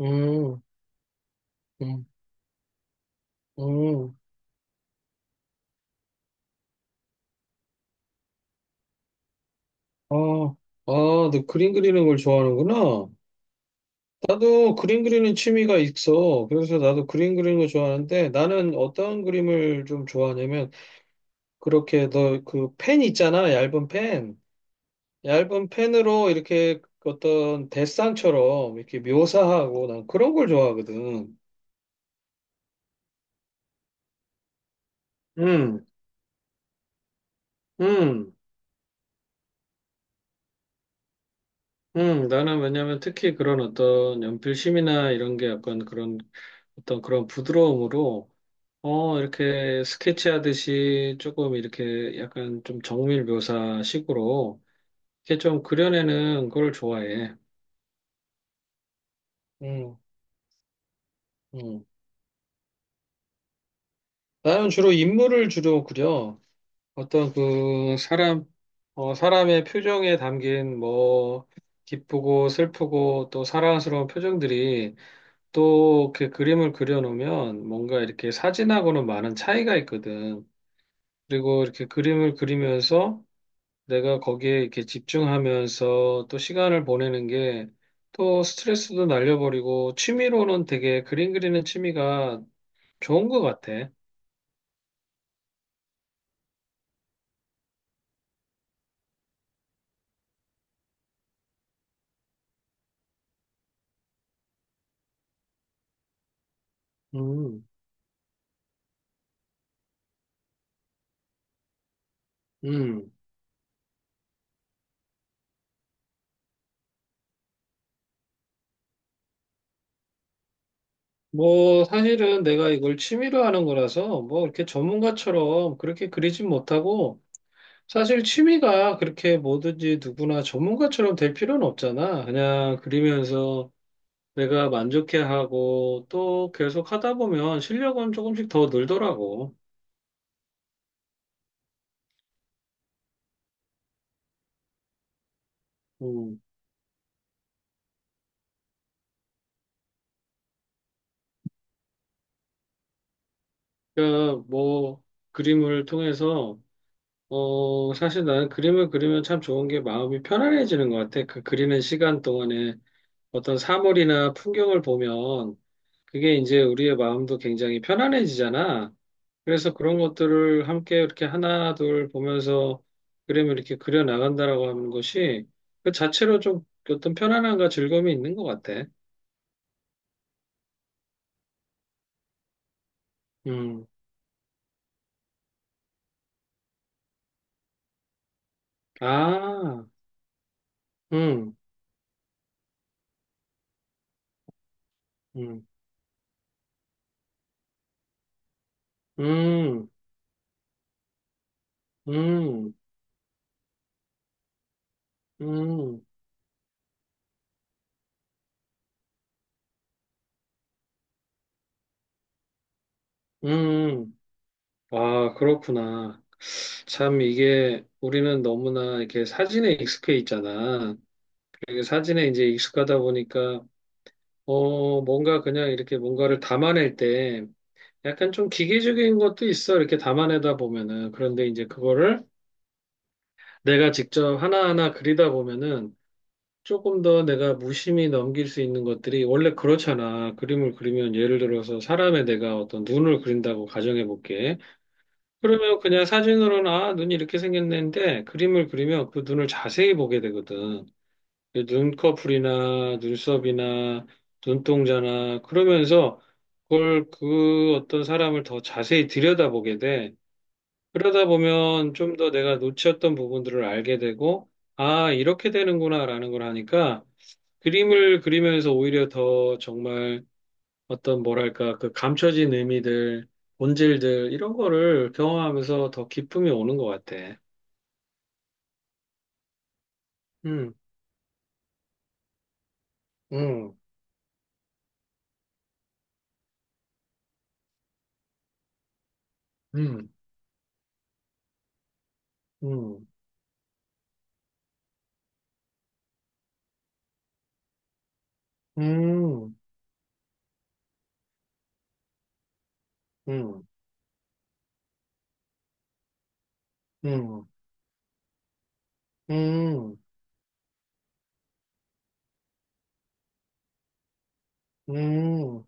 음, 음, 음. 아, 아, 너 그림 그리는 걸 좋아하는구나. 나도 그림 그리는 취미가 있어. 그래서 나도 그림 그리는 거 좋아하는데 나는 어떤 그림을 좀 좋아하냐면 그렇게 너 그 펜 있잖아. 얇은 펜. 얇은 펜으로 이렇게 어떤 데상처럼 이렇게 묘사하고 난 그런 걸 좋아하거든. 음, 음, 나는 왜냐면 특히 그런 어떤 연필심이나 이런 게 약간 그런 어떤 그런 부드러움으로 어, 이렇게 스케치하듯이 조금 이렇게 약간 좀 정밀 묘사식으로 이렇게 좀 그려내는 걸 좋아해. 음, 음. 나는 주로 인물을 주로 그려. 어떤 그 사람, 어, 사람의 표정에 담긴 뭐 기쁘고 슬프고 또 사랑스러운 표정들이 또 이렇게 그림을 그려놓으면 뭔가 이렇게 사진하고는 많은 차이가 있거든. 그리고 이렇게 그림을 그리면서 내가 거기에 이렇게 집중하면서 또 시간을 보내는 게 또 스트레스도 날려버리고 취미로는 되게 그림 그리는 취미가 좋은 것 같아. 음, 음. 뭐 사실은 내가 이걸 취미로 하는 거라서 뭐 이렇게 전문가처럼 그렇게 그리진 못하고 사실 취미가 그렇게 뭐든지 누구나 전문가처럼 될 필요는 없잖아. 그냥 그리면서 내가 만족해하고 또 계속 하다 보면 실력은 조금씩 더 늘더라고. 음. 그러니까 뭐 그림을 통해서 어 사실 나는 그림을 그리면 참 좋은 게 마음이 편안해지는 것 같아. 그 그리는 시간 동안에 어떤 사물이나 풍경을 보면 그게 이제 우리의 마음도 굉장히 편안해지잖아. 그래서 그런 것들을 함께 이렇게 하나 둘 보면서 그림을 이렇게 그려 나간다라고 하는 것이 그 자체로 좀 어떤 편안함과 즐거움이 있는 것 같아. 음. 아. 음. 음. 음. 음. 음. 음, 아, 그렇구나. 참, 이게 우리는 너무나 이렇게 사진에 익숙해 있잖아. 그리고 사진에 이제 익숙하다 보니까, 어, 뭔가 그냥 이렇게 뭔가를 담아낼 때 약간 좀 기계적인 것도 있어. 이렇게 담아내다 보면은. 그런데 이제 그거를 내가 직접 하나하나 그리다 보면은 조금 더 내가 무심히 넘길 수 있는 것들이 원래 그렇잖아. 그림을 그리면 예를 들어서 사람의 내가 어떤 눈을 그린다고 가정해 볼게. 그러면 그냥 사진으로는 아, 눈이 이렇게 생겼는데 그림을 그리면 그 눈을 자세히 보게 되거든. 그 눈꺼풀이나 눈썹이나 눈동자나 그러면서 그걸 그 어떤 사람을 더 자세히 들여다보게 돼. 그러다 보면 좀 더 내가 놓쳤던 부분들을 알게 되고 아, 이렇게 되는구나라는 걸 하니까 그림을 그리면서 오히려 더 정말 어떤 뭐랄까 그 감춰진 의미들, 본질들 이런 거를 경험하면서 더 기쁨이 오는 것 같아. 음, 음, 음, 음, 음, 음, 음, 음, 음, 음,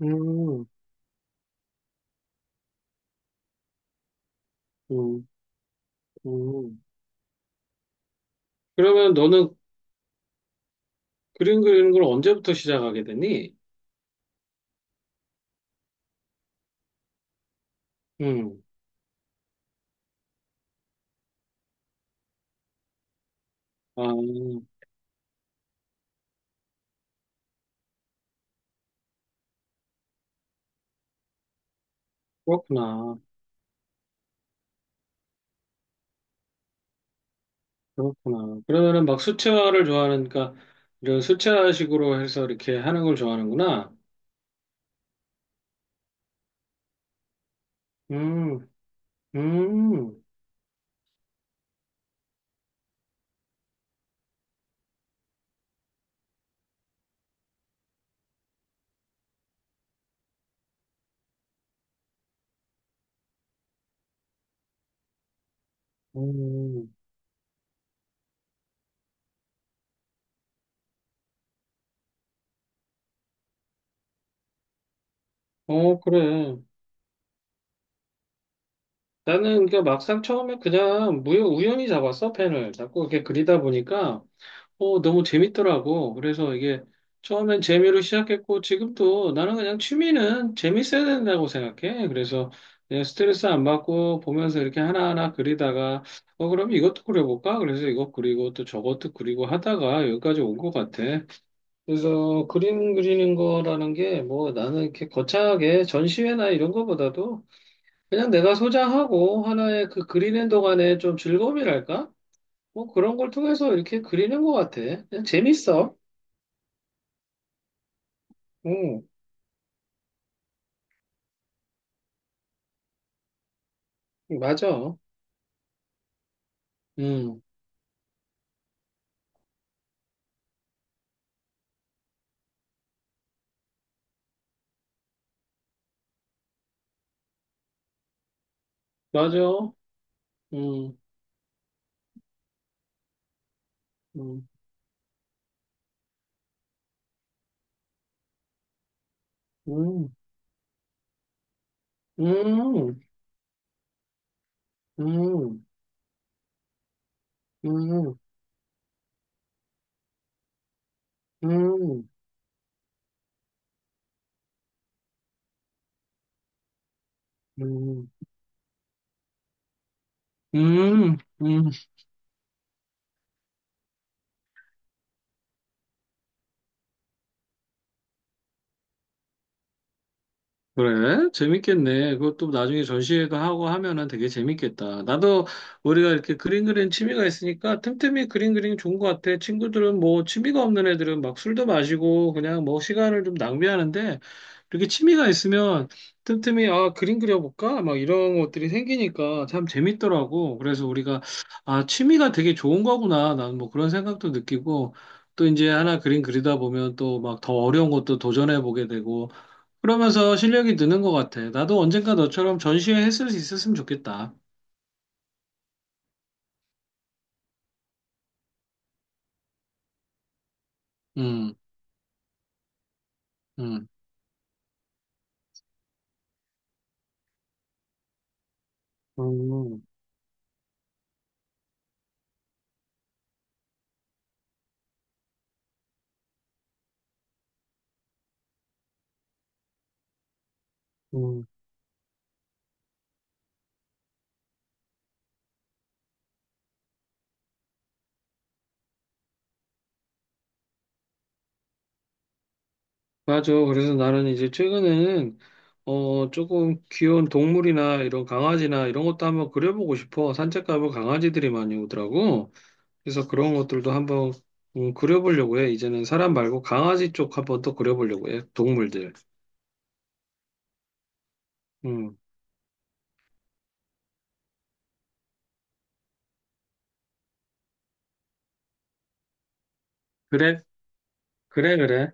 음, 음, 음. 그러면 너는 그림 그리는 걸 언제부터 시작하게 되니? 음, 아, 그렇구나, 그렇구나. 그러면은 막 수채화를 좋아하니까 이런 수채화식으로 해서 이렇게 하는 걸 좋아하는구나. 음. 음, 음, 어, 그래. 나는 그 막상 처음에 그냥 우연히 잡았어, 펜을. 자꾸 이렇게 그리다 보니까, 어, 너무 재밌더라고. 그래서 이게 처음엔 재미로 시작했고, 지금도 나는 그냥 취미는 재밌어야 된다고 생각해. 그래서 그냥 스트레스 안 받고 보면서 이렇게 하나하나 그리다가, 어, 그럼 이것도 그려볼까? 그래서 이것 그리고 또 저것도 그리고 하다가 여기까지 온 것 같아. 그래서 그림 그리는 거라는 게 뭐 나는 이렇게 거창하게 전시회나 이런 거보다도 그냥 내가 소장하고 하나의 그 그리는 동안에 좀 즐거움이랄까? 뭐 그런 걸 통해서 이렇게 그리는 것 같아. 그냥 재밌어. 응, 맞아. 응, 맞아. 응, 응, 응, 응, 응, 응, 응, 응, 응, 응, 응. 그래? 재밌겠네. 그것도 나중에 전시회도 하고 하면은 되게 재밌겠다. 나도 우리가 이렇게 그림 그리는 취미가 있으니까 틈틈이 그림 그리는 게 좋은 것 같아. 친구들은 뭐 취미가 없는 애들은 막 술도 마시고 그냥 뭐 시간을 좀 낭비하는데 이렇게 취미가 있으면 틈틈이 아, 그림 그려볼까? 막 이런 것들이 생기니까 참 재밌더라고. 그래서 우리가 아, 취미가 되게 좋은 거구나. 난 뭐 그런 생각도 느끼고 또 이제 하나 그림 그리다 보면 또 막 더 어려운 것도 도전해 보게 되고 그러면서 실력이 느는 것 같아. 나도 언젠가 너처럼 전시회 했을 수 있었으면 좋겠다. 음, 음, 음, 음. 맞아. 그래서 나는 이제 최근에는 어 조금 귀여운 동물이나 이런 강아지나 이런 것도 한번 그려보고 싶어. 산책 가면 강아지들이 많이 오더라고. 그래서 그런 것들도 한번 그려보려고 해. 이제는 사람 말고 강아지 쪽 한번 또 그려보려고 해. 동물들. 음, 그래, 그래, 그래.